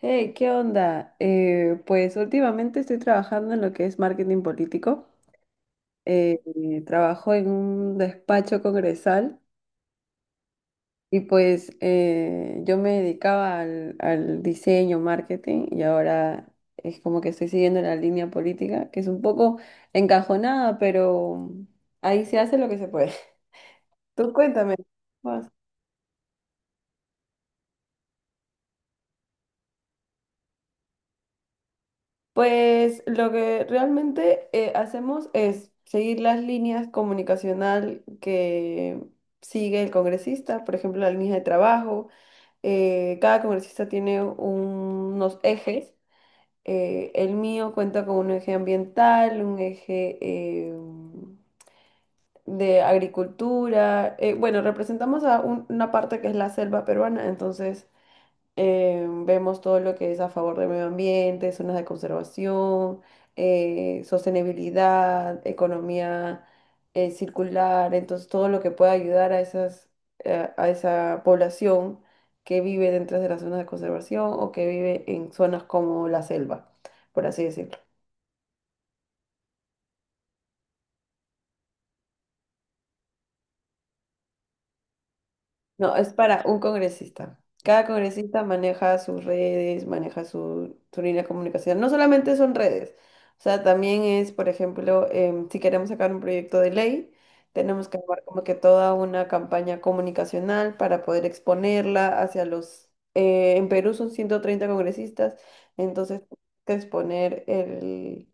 Hey, ¿qué onda? Pues últimamente estoy trabajando en lo que es marketing político. Trabajo en un despacho congresal y pues yo me dedicaba al diseño, marketing y ahora es como que estoy siguiendo la línea política, que es un poco encajonada, pero ahí se hace lo que se puede. Tú cuéntame. Pues lo que realmente hacemos es seguir las líneas comunicacional que sigue el congresista, por ejemplo, la línea de trabajo. Cada congresista tiene unos ejes. El mío cuenta con un eje ambiental, un eje de agricultura. Bueno, representamos a una parte que es la selva peruana, entonces vemos todo lo que es a favor del medio ambiente, zonas de conservación, sostenibilidad, economía circular, entonces todo lo que pueda ayudar a a esa población que vive dentro de las zonas de conservación o que vive en zonas como la selva, por así decirlo. No, es para un congresista. Cada congresista maneja sus redes, maneja su línea de comunicación. No solamente son redes, o sea, también es, por ejemplo, si queremos sacar un proyecto de ley, tenemos que armar como que toda una campaña comunicacional para poder exponerla en Perú son 130 congresistas, entonces que exponer el,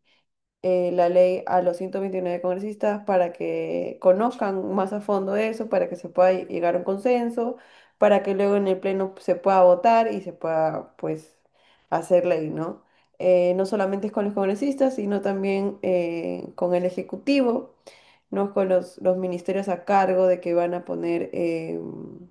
eh, la ley a los 129 congresistas para que conozcan más a fondo eso, para que se pueda llegar a un consenso, para que luego en el pleno se pueda votar y se pueda, pues, hacer ley, ¿no? No solamente es con los congresistas, sino también con el Ejecutivo, ¿no? Es con los ministerios a cargo de que van a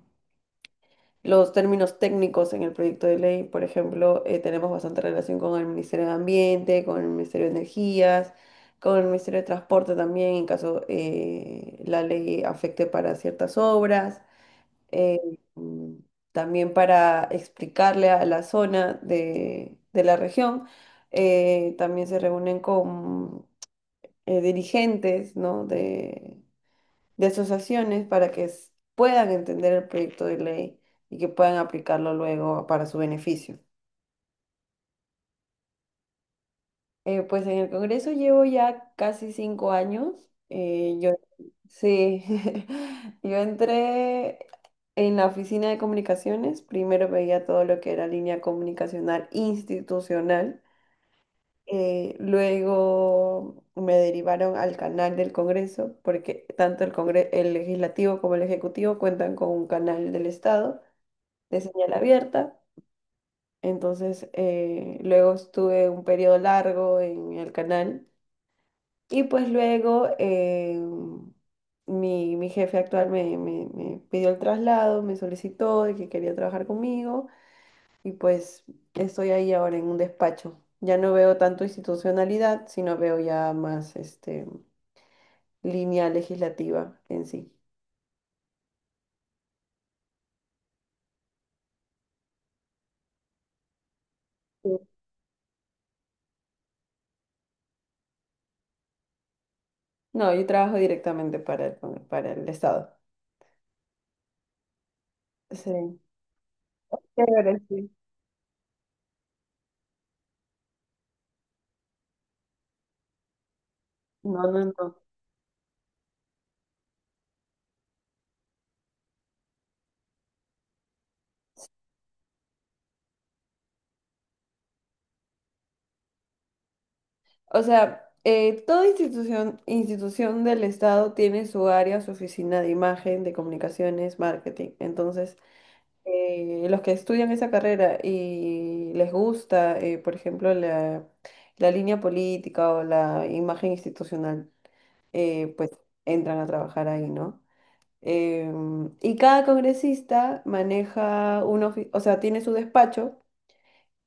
los términos técnicos en el proyecto de ley, por ejemplo, tenemos bastante relación con el Ministerio de Ambiente, con el Ministerio de Energías, con el Ministerio de Transporte también, en caso la ley afecte para ciertas obras. eh, mm, También para explicarle a la zona de la región. También se reúnen con dirigentes, ¿no?, de asociaciones para que puedan entender el proyecto de ley y que puedan aplicarlo luego para su beneficio. Pues en el Congreso llevo ya casi 5 años. eh, yo, sí, yo entré en la oficina de comunicaciones. Primero veía todo lo que era línea comunicacional institucional. Luego me derivaron al canal del Congreso, porque tanto el Legislativo como el Ejecutivo cuentan con un canal del Estado de señal abierta. Entonces, luego estuve un periodo largo en el canal. Y pues luego mi jefe actual me pidió el traslado, me solicitó de que quería trabajar conmigo. Y pues estoy ahí ahora en un despacho. Ya no veo tanto institucionalidad, sino veo ya más este, línea legislativa en sí. Sí. No, yo trabajo directamente para el Estado. Sí. Chévere, sí. No, no, no. O sea, toda institución del Estado tiene su área, su oficina de imagen, de comunicaciones, marketing. Entonces, los que estudian esa carrera y les gusta, por ejemplo, la línea política o la imagen institucional, pues entran a trabajar ahí, ¿no? Y cada congresista maneja o sea, tiene su despacho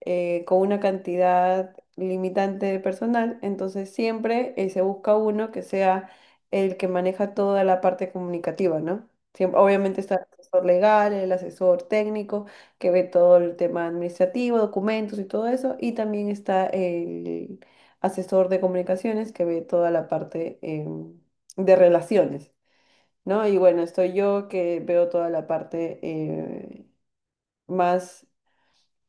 con una cantidad limitante de personal, entonces siempre se busca uno que sea el que maneja toda la parte comunicativa, ¿no? Obviamente está el asesor legal, el asesor técnico, que ve todo el tema administrativo, documentos y todo eso, y también está el asesor de comunicaciones, que ve toda la parte de relaciones, ¿no? Y bueno, estoy yo que veo toda la parte más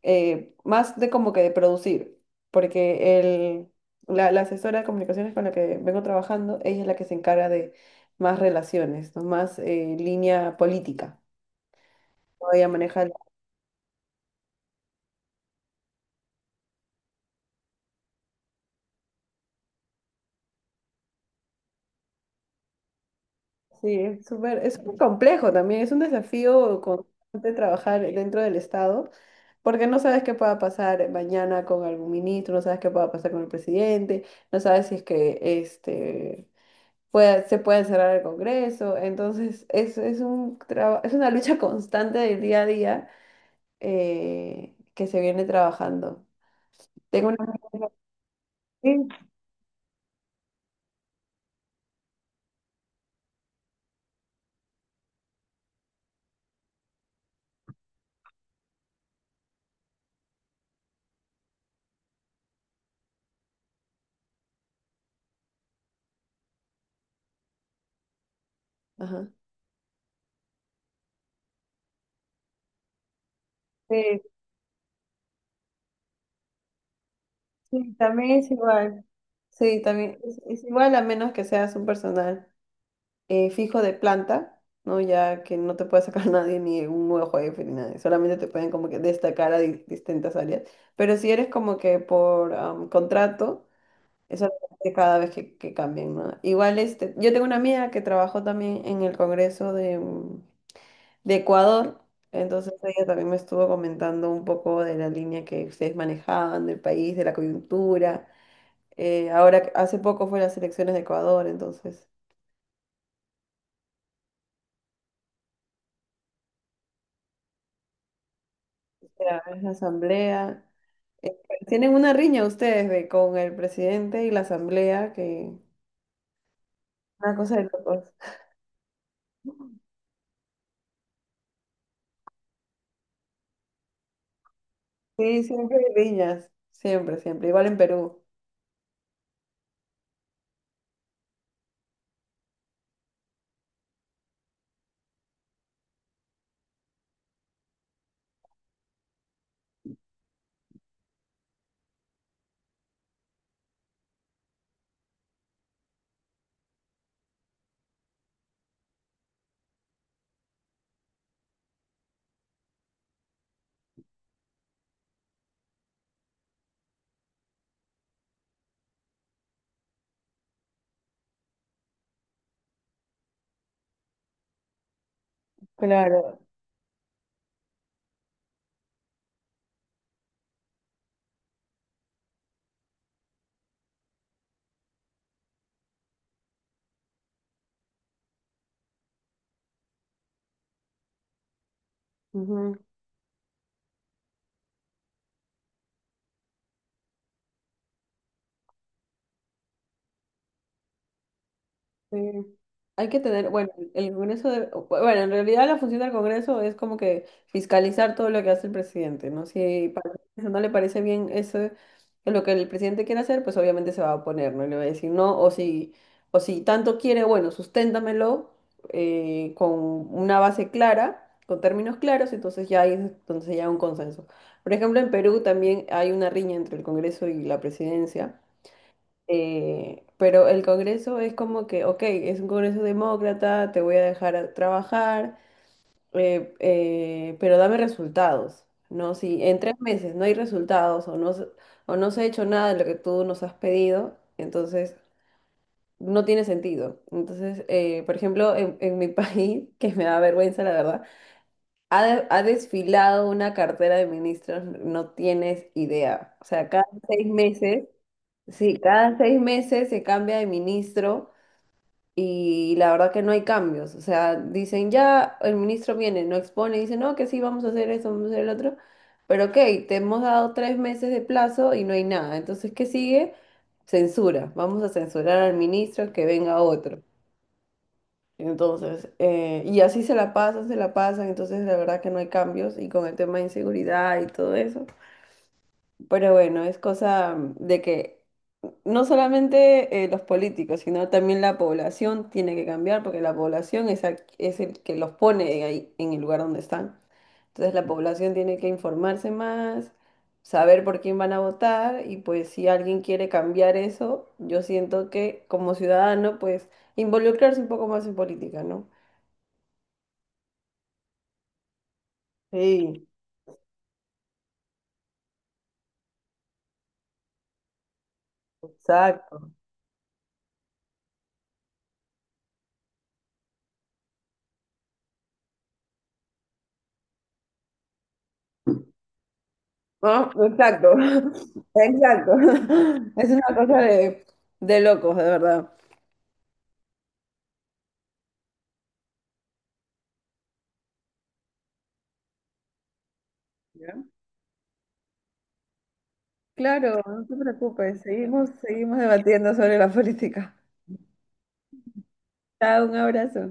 más de como que de producir, porque la asesora de comunicaciones con la que vengo trabajando, ella es la que se encarga de más relaciones, ¿no? Más línea política. ¿No? Ella maneja. Sí, es súper complejo también, es un desafío constante trabajar dentro del Estado. Porque no sabes qué pueda pasar mañana con algún ministro, no sabes qué pueda pasar con el presidente, no sabes si es que este, se puede cerrar el Congreso. Entonces, es es una lucha constante del día a día que se viene trabajando. Tengo una. Sí, ajá. Sí, sí, también es igual. Sí, también es igual a menos que seas un personal fijo de planta, ¿no? Ya que no te puede sacar nadie ni un nuevo jefe ni nada, solamente te pueden como que destacar a distintas áreas. Pero si eres como que por contrato, eso lo que cada vez que cambien, ¿no? Igual, este, yo tengo una amiga que trabajó también en el Congreso de Ecuador, entonces ella también me estuvo comentando un poco de la línea que ustedes manejaban, del país, de la coyuntura. Ahora, hace poco fue las elecciones de Ecuador, entonces, era la asamblea. Eh, Tienen una riña ustedes con el presidente y la asamblea, que una cosa de locos. Sí, siempre hay riñas, siempre, siempre, igual en Perú. Claro. Ujú. Sí. Hay que tener, bueno, en realidad la función del Congreso es como que fiscalizar todo lo que hace el presidente, ¿no? Si para el Congreso no le parece bien lo que el presidente quiere hacer, pues obviamente se va a oponer, ¿no? Y le va a decir no, o si tanto quiere, bueno, susténtamelo con una base clara, con términos claros, entonces ya hay un consenso. Por ejemplo, en Perú también hay una riña entre el Congreso y la presidencia. Pero el Congreso es como que, ok, es un Congreso demócrata, te voy a dejar a trabajar, pero dame resultados, ¿no? Si en 3 meses no hay resultados o no, o no se ha hecho nada de lo que tú nos has pedido, entonces no tiene sentido. Entonces, por ejemplo, en mi país, que me da vergüenza, la verdad, ha desfilado una cartera de ministros, no tienes idea. O sea, cada 6 meses. Sí, cada 6 meses se cambia de ministro y la verdad que no hay cambios. O sea, dicen ya, el ministro viene, no expone, dice no, que sí, vamos a hacer esto, vamos a hacer el otro. Pero ok, te hemos dado 3 meses de plazo y no hay nada. Entonces, ¿qué sigue? Censura. Vamos a censurar al ministro que venga otro. Entonces, y así se la pasan, se la pasan. Entonces, la verdad que no hay cambios y con el tema de inseguridad y todo eso. Pero bueno, es cosa de que no solamente los políticos, sino también la población tiene que cambiar porque la población es el que los pone ahí en el lugar donde están. Entonces la población tiene que informarse más, saber por quién van a votar y pues si alguien quiere cambiar eso, yo siento que como ciudadano pues involucrarse un poco más en política, ¿no? Sí, exacto. Ah, exacto, exacto. Es una cosa de locos, de verdad. Claro, no te preocupes, seguimos debatiendo sobre la política. Chao, un abrazo.